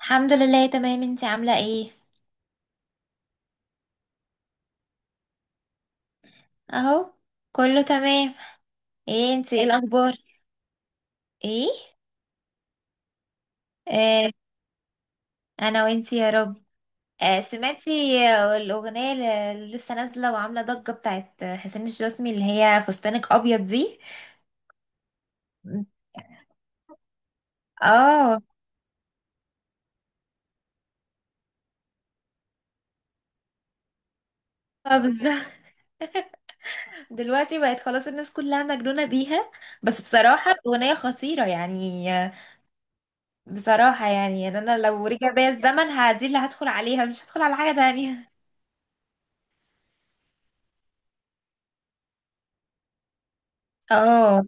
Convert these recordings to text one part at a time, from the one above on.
الحمد لله، تمام. انتي عاملة ايه؟ اهو، كله تمام. ايه انتي، ايه الاخبار؟ ايه. آه، انا وانتي يا رب. آه، سمعتي؟ الاغنية اللي لسه نازلة وعاملة ضجة بتاعت حسين الجسمي، اللي هي فستانك ابيض دي. اه، اه، بالظبط. دلوقتي بقت خلاص الناس كلها مجنونة بيها. بس بصراحة الأغنية خطيرة يعني، بصراحة يعني أنا لو رجع بيا الزمن، دي اللي هدخل عليها، مش هدخل على حاجة تانية. اه،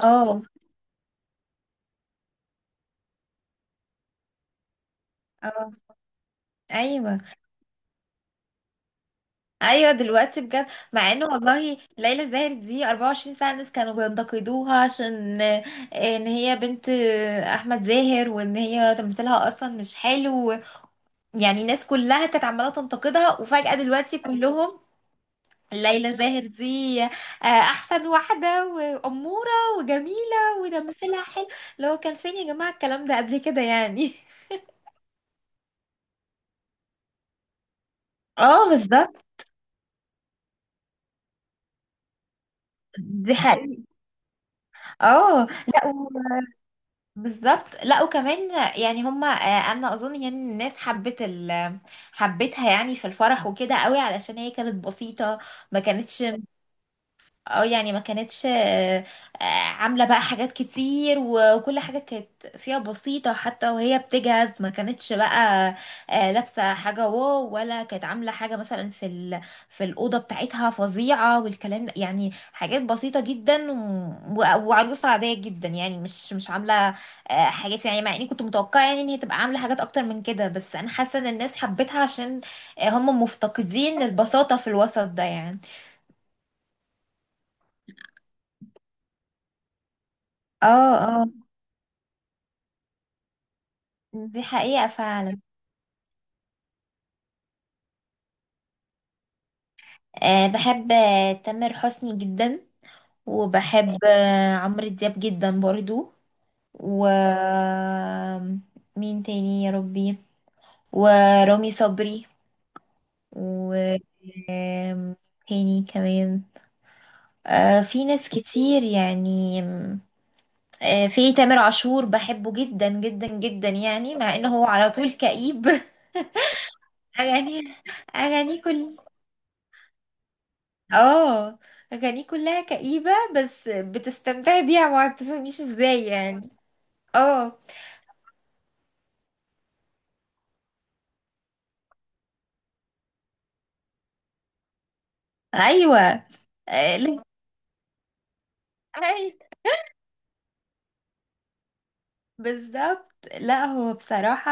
اه، اه. ايوه، ايوه، دلوقتي بجد. مع انه والله ليلى زاهر دي 24 ساعه الناس كانوا بينتقدوها، عشان ان هي بنت احمد زاهر، وان هي تمثيلها اصلا مش حلو. يعني الناس كلها كانت عماله تنتقدها، وفجاه دلوقتي كلهم. ليلى زاهر دي احسن واحده، واموره، وجميله، وتمثيلها حلو. لو كان فين يا جماعه الكلام ده قبل كده يعني؟ اه، بالظبط. دي حقيقة. اه، لا، بالظبط. لا، وكمان يعني، هما انا اظن يعني الناس حبت حبتها يعني في الفرح وكده قوي، علشان هي كانت بسيطة. ما كانتش، اه يعني ما كانتش، آه، عاملة بقى حاجات كتير، وكل حاجة كانت فيها بسيطة حتى وهي بتجهز. ما كانتش بقى لابسة حاجة واو، ولا كانت عاملة حاجة مثلا في ال... في الأوضة بتاعتها فظيعة والكلام ده، يعني حاجات بسيطة جدا، و... وعروسة عادية جدا، يعني مش عاملة حاجات، يعني مع اني كنت متوقعة يعني ان هي تبقى عاملة حاجات اكتر من كده. بس انا حاسة ان الناس حبتها عشان هم مفتقدين البساطة في الوسط ده يعني. اه، اه، دي حقيقة فعلا. أه، بحب تامر حسني جدا. وبحب عمرو دياب جدا برضو. و... مين تاني يا ربي؟ ورامي صبري. و... آم، تاني كمان. أه، في ناس كتير يعني. أه، في تامر عاشور بحبه جدا جدا جدا، يعني مع انه هو على طول كئيب اغاني... اغاني كلها... اه، اغانيه كلها كئيبة، بس بتستمتعي بيها ما بتفهميش ازاي يعني. اه، ايوه. لا، أي- بالظبط. لا، هو بصراحة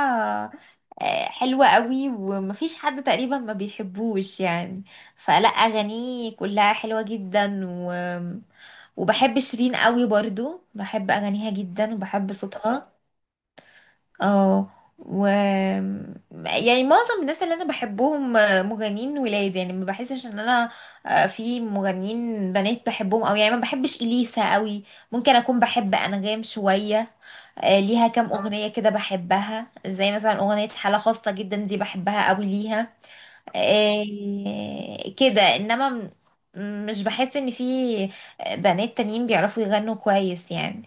حلوة قوي، ومفيش حد تقريبا ما بيحبوش يعني. فلا، اغانيه كلها حلوة جدا، و... وبحب شيرين قوي برضو، بحب اغانيها جدا وبحب صوتها. اه. و... يعني معظم الناس اللي انا بحبهم مغنيين ولاد، يعني ما بحسش ان انا في مغنيين بنات بحبهم، او يعني ما بحبش اليسا قوي. ممكن اكون بحب انغام شويه، ليها كام اغنيه كده بحبها، زي مثلا اغنيه حاله خاصه جدا دي بحبها قوي ليها. كده، انما مش بحس ان في بنات تانيين بيعرفوا يغنوا كويس يعني.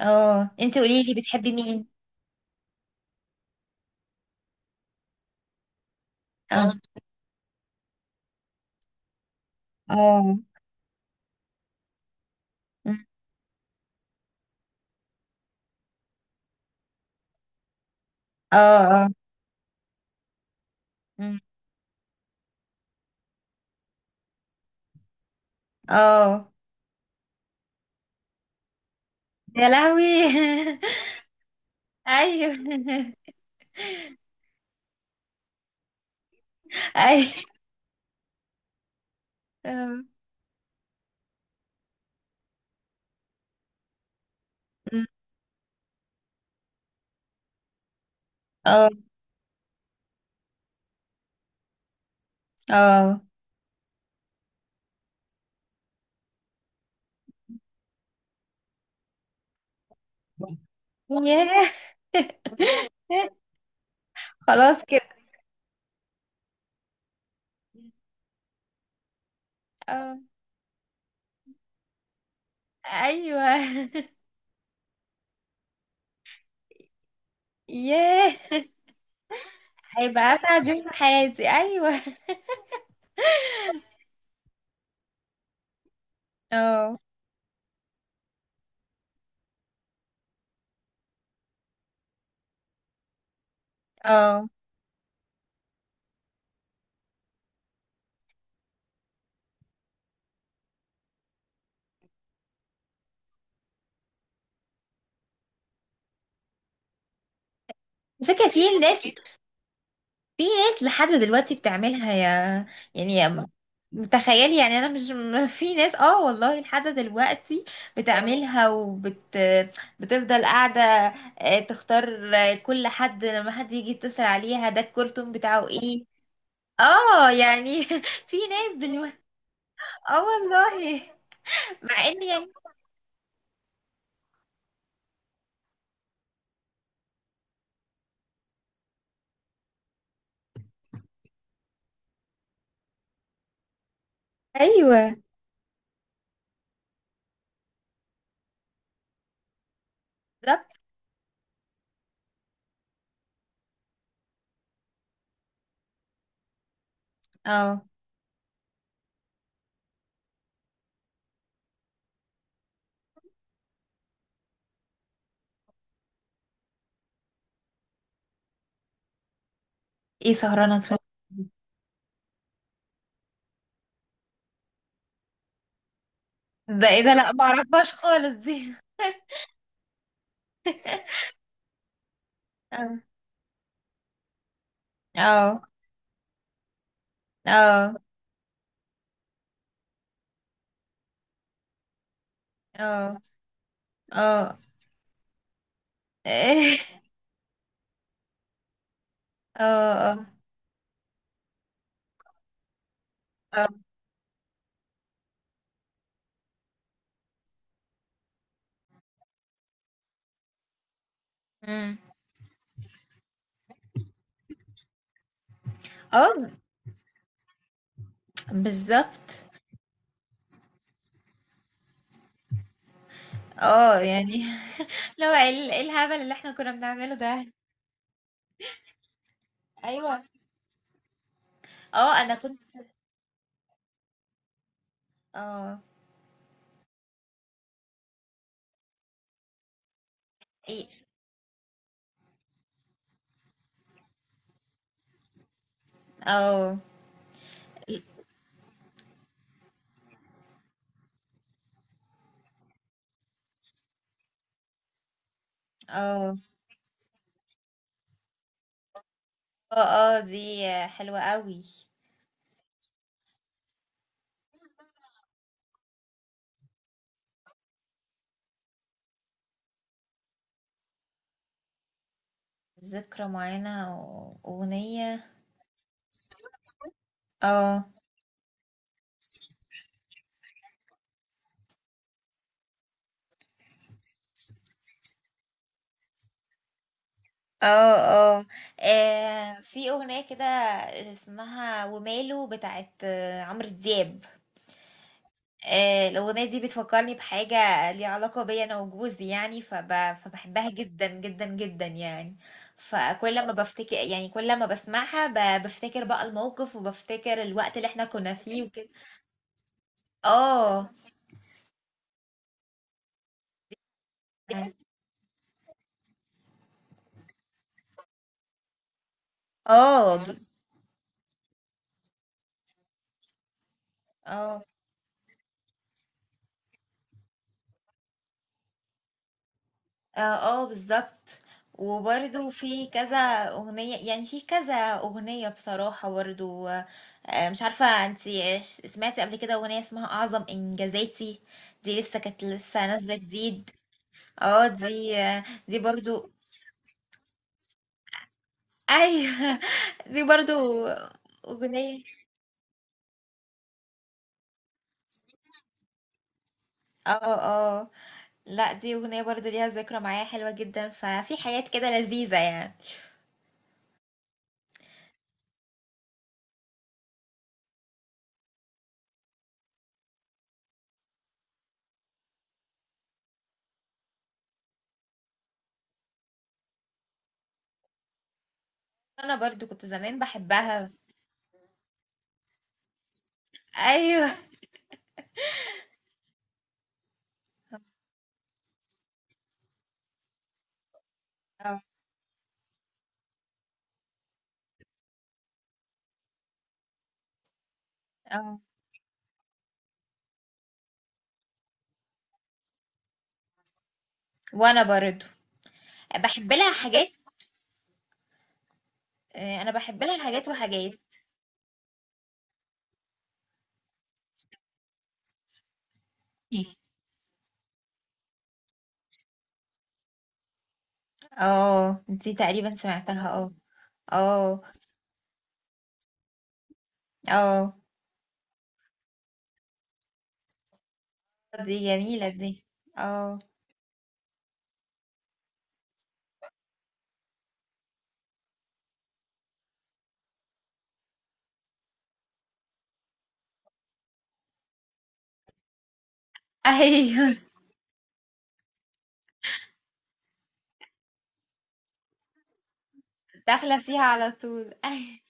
اه، انت قوليلي بتحبي مين؟ اه، اه. مم. اه، اه. مم. اه. يا لهوي ايوه ايوه. أم. مم. اه، اه. ياه. خلاص كده. اه، ايوه ياه، هيبقى اسعد يوم في حياتي، ايوه. اه، اه. على فكرة في ناس، في ناس لحد دلوقتي بتعملها، يا... يعني يا... متخيل يعني. انا مش في ناس، اه والله لحد دلوقتي بتعملها، وبت بتفضل قاعده تختار كل حد لما حد يجي يتصل عليها، ده الكرتون بتاعه ايه. اه، يعني في ناس دلوقتي. اه، والله. مع ان، يعني. ايوه، بالظبط. اه، ايه سهرانه اتفرج؟ ده ايه ده؟ لا معرفهاش خالص دي. اه، اه، اه، اه، اه، اه، اه، اه. امم. اه، بالظبط. اه، يعني لو إيه الهبل اللي احنا كنا بنعمله ده؟ ايوه. اه، انا كنت، اه. ايه. اه، اه، اه، اه، دي حلوة قوي. ذكرى معينة، واغنية... اه، اه، اه. في اغنية كده اسمها وماله بتاعت عمرو دياب. الأغنية دي بتفكّرني بحاجة ليها علاقة بيّا أنا وجوزي يعني، فباحبها جدًا، جدًا، جدًا يعني. فكل ما يعني، كل ما باسمعها بافتكر بقى الموقف، وبافتكر الوقت اللي إحنا كنا فيه وكده. آه، بجد؟ آه. إمم. آه. اه، آه، بالظبط. وبرده في كذا اغنيه، يعني في كذا اغنيه بصراحه برضو، مش عارفه انتي، سمعتي قبل كده اغنيه اسمها اعظم انجازاتي؟ دي لسه كانت لسه نازله جديد. اه، دي دي برضو. ايوه دي برضو اغنيه. اه، اه. لا، دي اغنيه برضو ليها ذكرى معايا حلوه جدا، ففي حاجات كده لذيذه يعني. انا برضو كنت زمان بحبها. ايوه. اه. آه. وانا برضه بحب لها حاجات. انا بحب لها حاجات وحاجات. اه، دي تقريبا سمعتها، اه. اه، اه، دي جميلة دي. اه. ايوه، داخلة فيها على طول ايوه.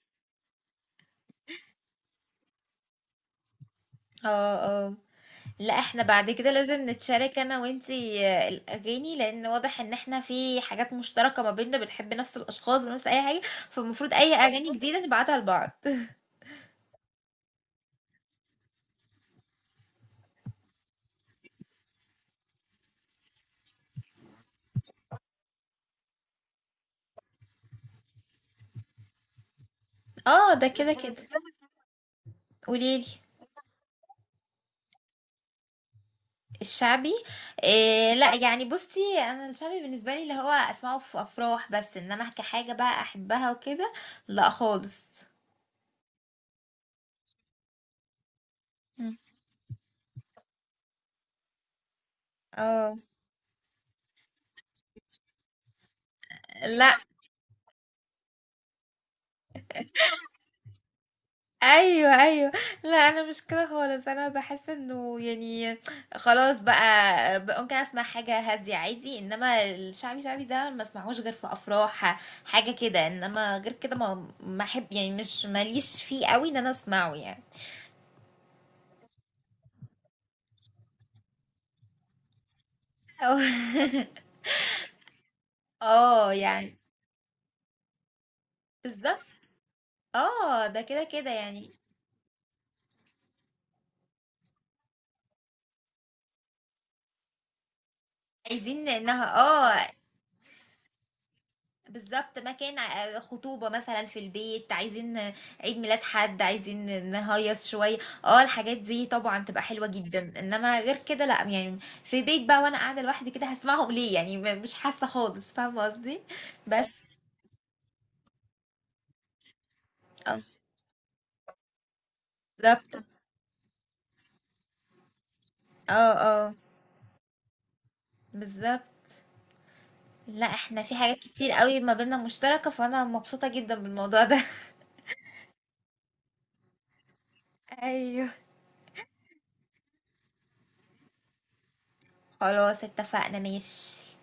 اه، اه. لا، احنا بعد كده لازم نتشارك انا وانتي الاغاني، لان واضح ان احنا في حاجات مشتركة ما بيننا، بنحب نفس الاشخاص ونفس اي حاجة. فالمفروض اي اغاني جديدة نبعتها لبعض اه، ده كده كده. قوليلي. الشعبي. إيه، لا يعني، بصي انا الشعبي بالنسبه لي اللي هو اسمعه في افراح بس، انما كحاجه بقى احبها وكده، لا خالص. مم. اه. لا. ايوه، ايوه. لا، انا مش كده خالص، انا بحس انه يعني خلاص بقى ممكن اسمع حاجه هاديه عادي، انما الشعبي، شعبي ده ما اسمعوش غير في افراح. حاجه كده، انما غير كده ما احب يعني، مش ماليش فيه قوي ان انا اسمعه يعني. اه، يعني بالظبط. اه، ده كده كده يعني. عايزين انها... اه، بالظبط. مكان خطوبة مثلا في البيت، عايزين عيد ميلاد حد، عايزين نهيص شوية. اه، الحاجات دي طبعا تبقى حلوة جدا، انما غير كده لا يعني. في بيت بقى وانا قاعدة لوحدي كده، هسمعهم ليه يعني؟ مش حاسة خالص. فاهمة قصدي؟ بس. اه، بالظبط. اه، اه، بالظبط. لا، احنا في حاجات كتير قوي ما بيننا مشتركة، فانا مبسوطة جدا بالموضوع ده ايوه. خلاص اتفقنا ماشي.